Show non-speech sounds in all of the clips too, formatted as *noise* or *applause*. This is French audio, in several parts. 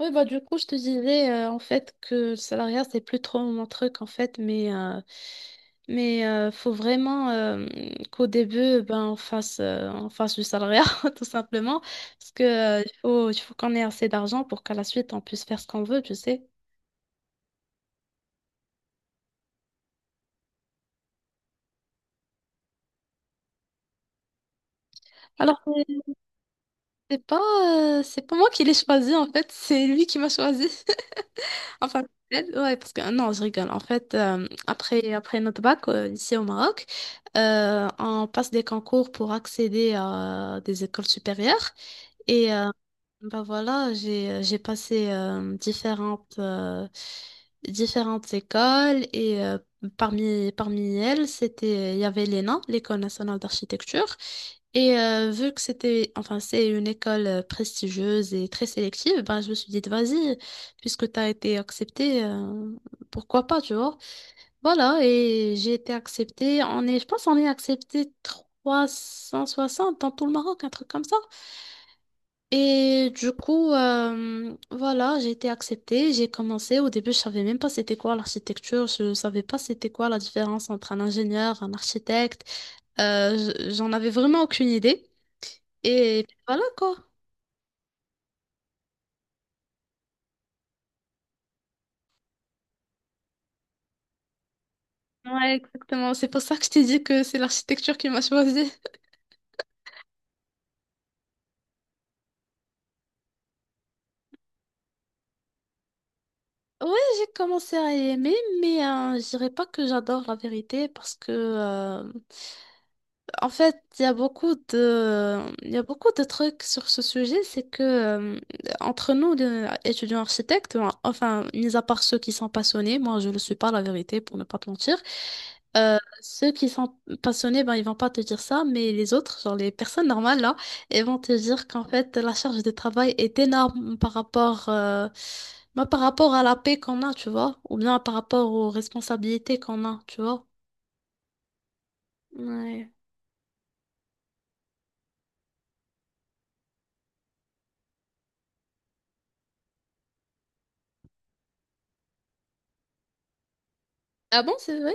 Oui, bah, du coup, je te disais en fait que le salariat, c'est plus trop mon truc en fait, mais faut vraiment qu'au début, ben, on fasse du salariat *laughs* tout simplement, parce que il faut qu'on ait assez d'argent pour qu'à la suite, on puisse faire ce qu'on veut, tu sais. Alors, c'est pas moi qui l'ai choisi en fait, c'est lui qui m'a choisi. Enfin, peut-être, ouais, parce que ah non, je rigole. En fait, après notre bac, ici au Maroc, on passe des concours pour accéder à des écoles supérieures. Et bah voilà, j'ai passé différentes écoles et parmi elles, il y avait l'ENA, l'École nationale d'architecture. Et vu que enfin, c'est une école prestigieuse et très sélective, ben, je me suis dit, vas-y puisque tu as été acceptée, pourquoi pas, tu vois. Voilà, et j'ai été acceptée. Je pense qu'on est accepté 360 dans tout le Maroc, un truc comme ça. Et du coup, voilà, j'ai été acceptée. J'ai commencé. Au début, je savais même pas c'était quoi l'architecture. Je savais pas c'était quoi la différence entre un ingénieur, un architecte. Euh, J'en avais vraiment aucune idée. Et voilà quoi. Ouais, exactement. C'est pour ça que je t'ai dit que c'est l'architecture qui m'a choisi. Ouais, j'ai commencé à aimer, mais je dirais pas que j'adore la vérité parce que en fait, il y a beaucoup de, il y a beaucoup de trucs sur ce sujet, c'est que entre nous, les étudiants architectes, enfin, mis à part ceux qui sont passionnés, moi je ne le suis pas, la vérité, pour ne pas te mentir, ceux qui sont passionnés, ben, ils vont pas te dire ça, mais les autres, genre les personnes normales, là, ils vont te dire qu'en fait, la charge de travail est énorme par rapport, ben, par rapport à la paix qu'on a, tu vois, ou bien par rapport aux responsabilités qu'on a, tu vois. Ouais. Ah bon, c'est vrai?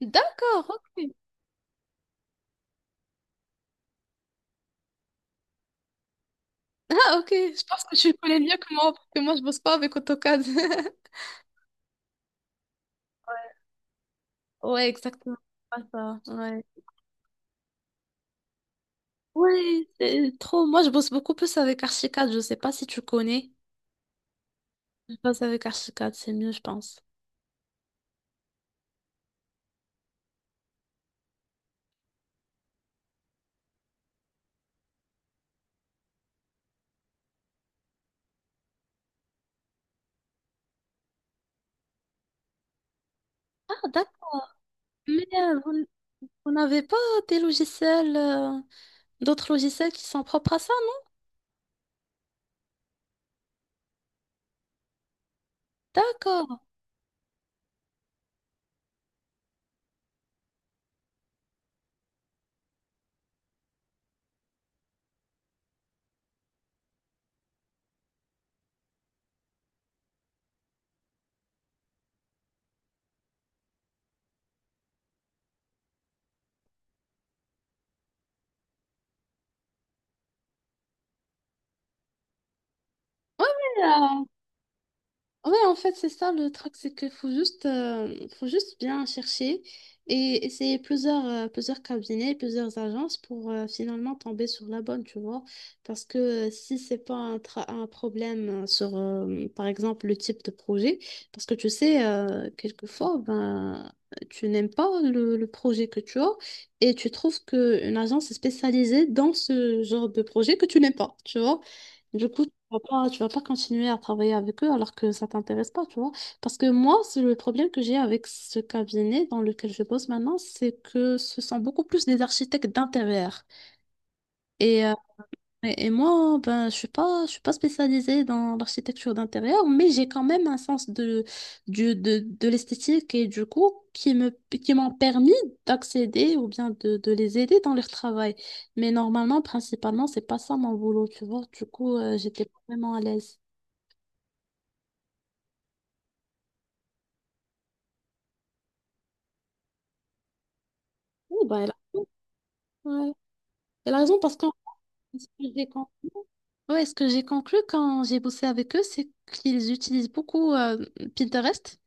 D'accord, ok. Ah, ok, je pense que tu le connais mieux que moi, parce que moi, je bosse pas avec AutoCAD. *laughs* Ouais, exactement. Pas ça, ouais. Ouais, c'est trop. Moi, je bosse beaucoup plus avec Archicad. Je sais pas si tu connais. Je bosse avec Archicad, c'est mieux, je pense. Ah, d'accord. Mais vous n'avez pas des logiciels, euh, d'autres logiciels qui sont propres à ça? Non. D'accord. Ouais, en fait, c'est ça le truc, c'est qu'il faut juste bien chercher et essayer plusieurs cabinets, plusieurs agences pour finalement tomber sur la bonne, tu vois. Parce que si c'est pas un problème sur, par exemple, le type de projet, parce que tu sais, quelquefois, ben, tu n'aimes pas le projet que tu as et tu trouves qu'une agence est spécialisée dans ce genre de projet que tu n'aimes pas, tu vois. Du coup, vas pas, tu vas pas continuer à travailler avec eux alors que ça t'intéresse pas, tu vois. Parce que moi, c'est le problème que j'ai avec ce cabinet dans lequel je bosse maintenant, c'est que ce sont beaucoup plus des architectes d'intérieur. Et, euh, et moi, ben, je suis pas spécialisée dans l'architecture d'intérieur, mais j'ai quand même un sens de l'esthétique et du coup, qui m'ont permis d'accéder ou bien de les aider dans leur travail. Mais normalement, principalement, c'est pas ça mon boulot, tu vois. Du coup, j'étais pas vraiment à l'aise. Oui, bah, elle a raison. Ouais. Elle a raison parce que ce que j'ai con- ouais, ce que j'ai conclu quand j'ai bossé avec eux, c'est qu'ils utilisent beaucoup Pinterest.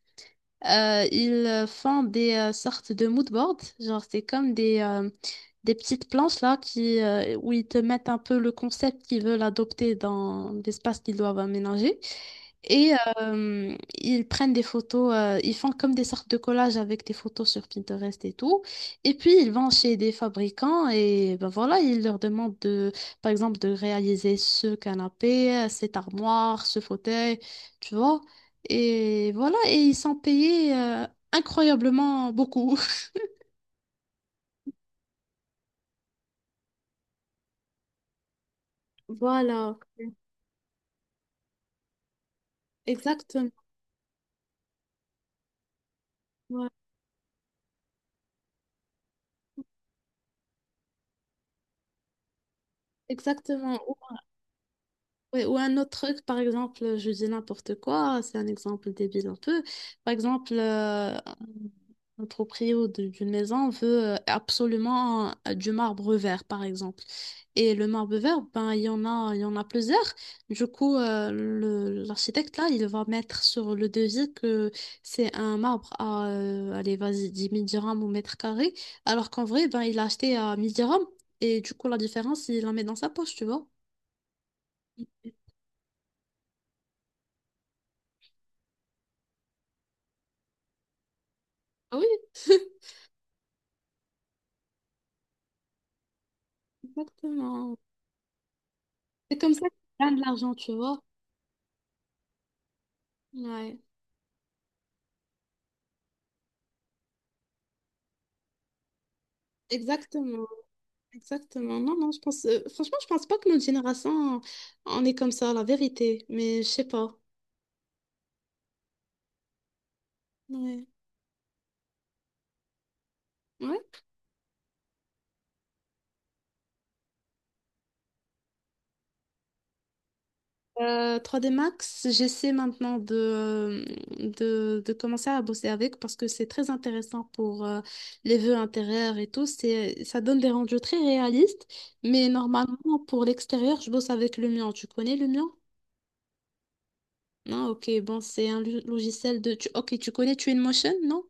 Ils font des sortes de mood boards, genre c'est comme des petites planches là qui, où ils te mettent un peu le concept qu'ils veulent adopter dans l'espace qu'ils doivent aménager. Et euh, ils prennent des photos, ils font comme des sortes de collages avec des photos sur Pinterest et tout. Et puis ils vont chez des fabricants et ben voilà, ils leur demandent de, par exemple, de réaliser ce canapé, cette armoire, ce fauteuil, tu vois. Et voilà, et ils sont payés incroyablement beaucoup. *laughs* Voilà, exactement. Ouais, exactement. Ouais, ou un autre truc, par exemple, je dis n'importe quoi, c'est un exemple débile un peu. Par exemple, un proprio d'une maison veut absolument du marbre vert, par exemple. Et le marbre vert, ben, il y en a plusieurs. Du coup, l'architecte, là, il va mettre sur le devis que c'est un marbre à, allez, vas-y, 10 000 dirhams au mètre carré, alors qu'en vrai, ben, il l'a acheté à 1 000 dirhams. Et du coup, la différence, il la met dans sa poche, tu vois. Ah oui. *laughs* Exactement. C'est comme ça que tu gagnes de l'argent, tu vois. Ouais, exactement, exactement. Non, non, franchement, je pense pas que notre génération, on est comme ça, la vérité, mais je sais pas. Ouais. Ouais. 3D Max, j'essaie maintenant de commencer à bosser avec parce que c'est très intéressant pour les vœux intérieurs et tout. Ça donne des rendus très réalistes, mais normalement, pour l'extérieur, je bosse avec le mien. Tu connais le mien? Ah, ok, bon, c'est un logiciel de... tu- Ok, tu connais Twinmotion, non?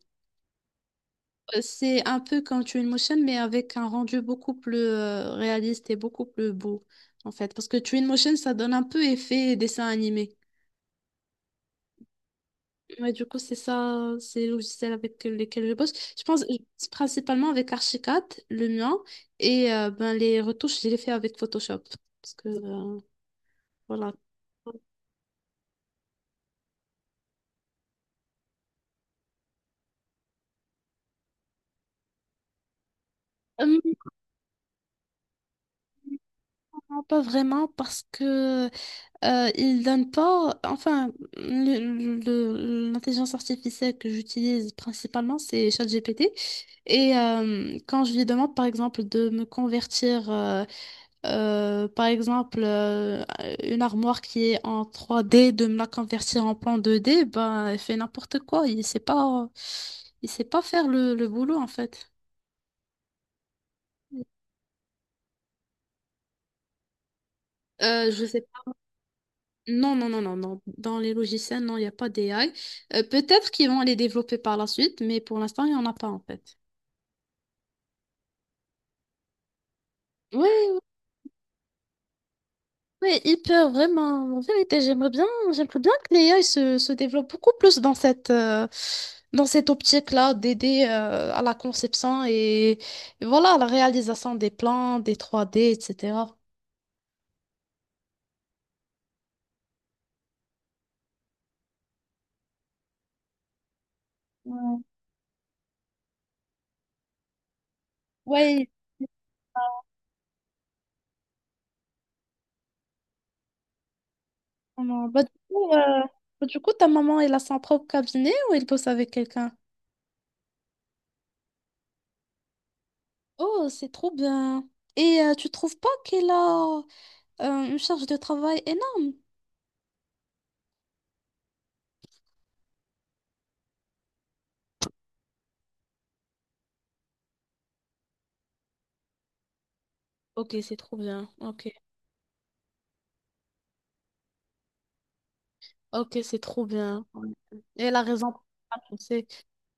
C'est un peu comme Twinmotion, mais avec un rendu beaucoup plus réaliste et beaucoup plus beau, en fait. Parce que Twinmotion, ça donne un peu effet dessin animé. Ouais, du coup, c'est ça, c'est les logiciels avec lesquels je bosse. Je pense c'est principalement avec Archicad, le mien, et ben, les retouches, je les fais avec Photoshop. Parce que, voilà. Euh, non, pas vraiment, parce que il donne pas, enfin, l'intelligence artificielle que j'utilise principalement, c'est ChatGPT. Et quand je lui demande, par exemple, de me convertir, par exemple, une armoire qui est en 3D, de me la convertir en plan 2D, ben, elle fait n'importe quoi. Il sait pas faire le boulot, en fait. Je sais Non, non, non, non, non. Dans les logiciels, non, il n'y a pas d'AI. Peut-être qu'ils vont les développer par la suite, mais pour l'instant, il n'y en a pas en fait. Oui, oui, hyper, vraiment. En vérité, j'aimerais bien que l'AI se développe beaucoup plus dans cette optique-là d'aider à la conception et voilà, à la réalisation des plans, des 3D etc. Oui, ouais, ouais, vraiment. Bah, du coup, ta maman, elle a son propre cabinet ou elle bosse avec quelqu'un? Oh, c'est trop bien. Et tu trouves pas qu'elle a une charge de travail énorme? Ok, c'est trop bien. Ok, ok, c'est trop bien. Ouais. Et elle a raison de faire ça, tu sais.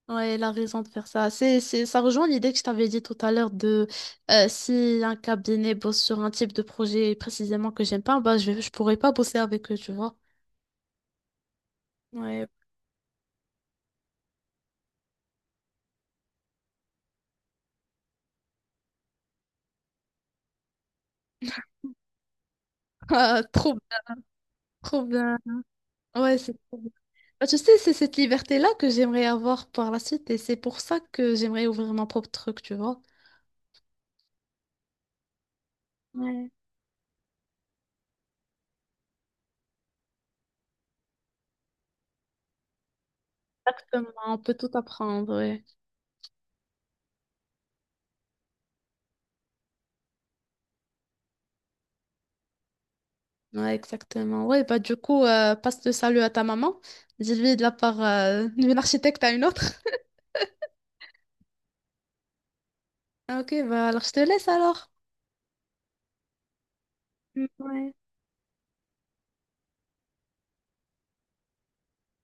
Ouais, elle a raison de faire ça. Ça rejoint l'idée que je t'avais dit tout à l'heure de si un cabinet bosse sur un type de projet précisément que j'aime pas, bah je pourrais pas bosser avec eux, tu vois. Ouais, *laughs* ah, trop, trop bien. Ouais, c'est trop bien. Bah, tu sais, c'est cette liberté-là que j'aimerais avoir par la suite et c'est pour ça que j'aimerais ouvrir mon propre truc, tu vois. Ouais. Exactement, on peut tout apprendre, ouais. Ouais, exactement. Ouais, bah du coup, passe le salut à ta maman. Dis-lui de la part d'une architecte à une autre. Ah, ok, bah alors je te laisse alors. Mm. Ouais.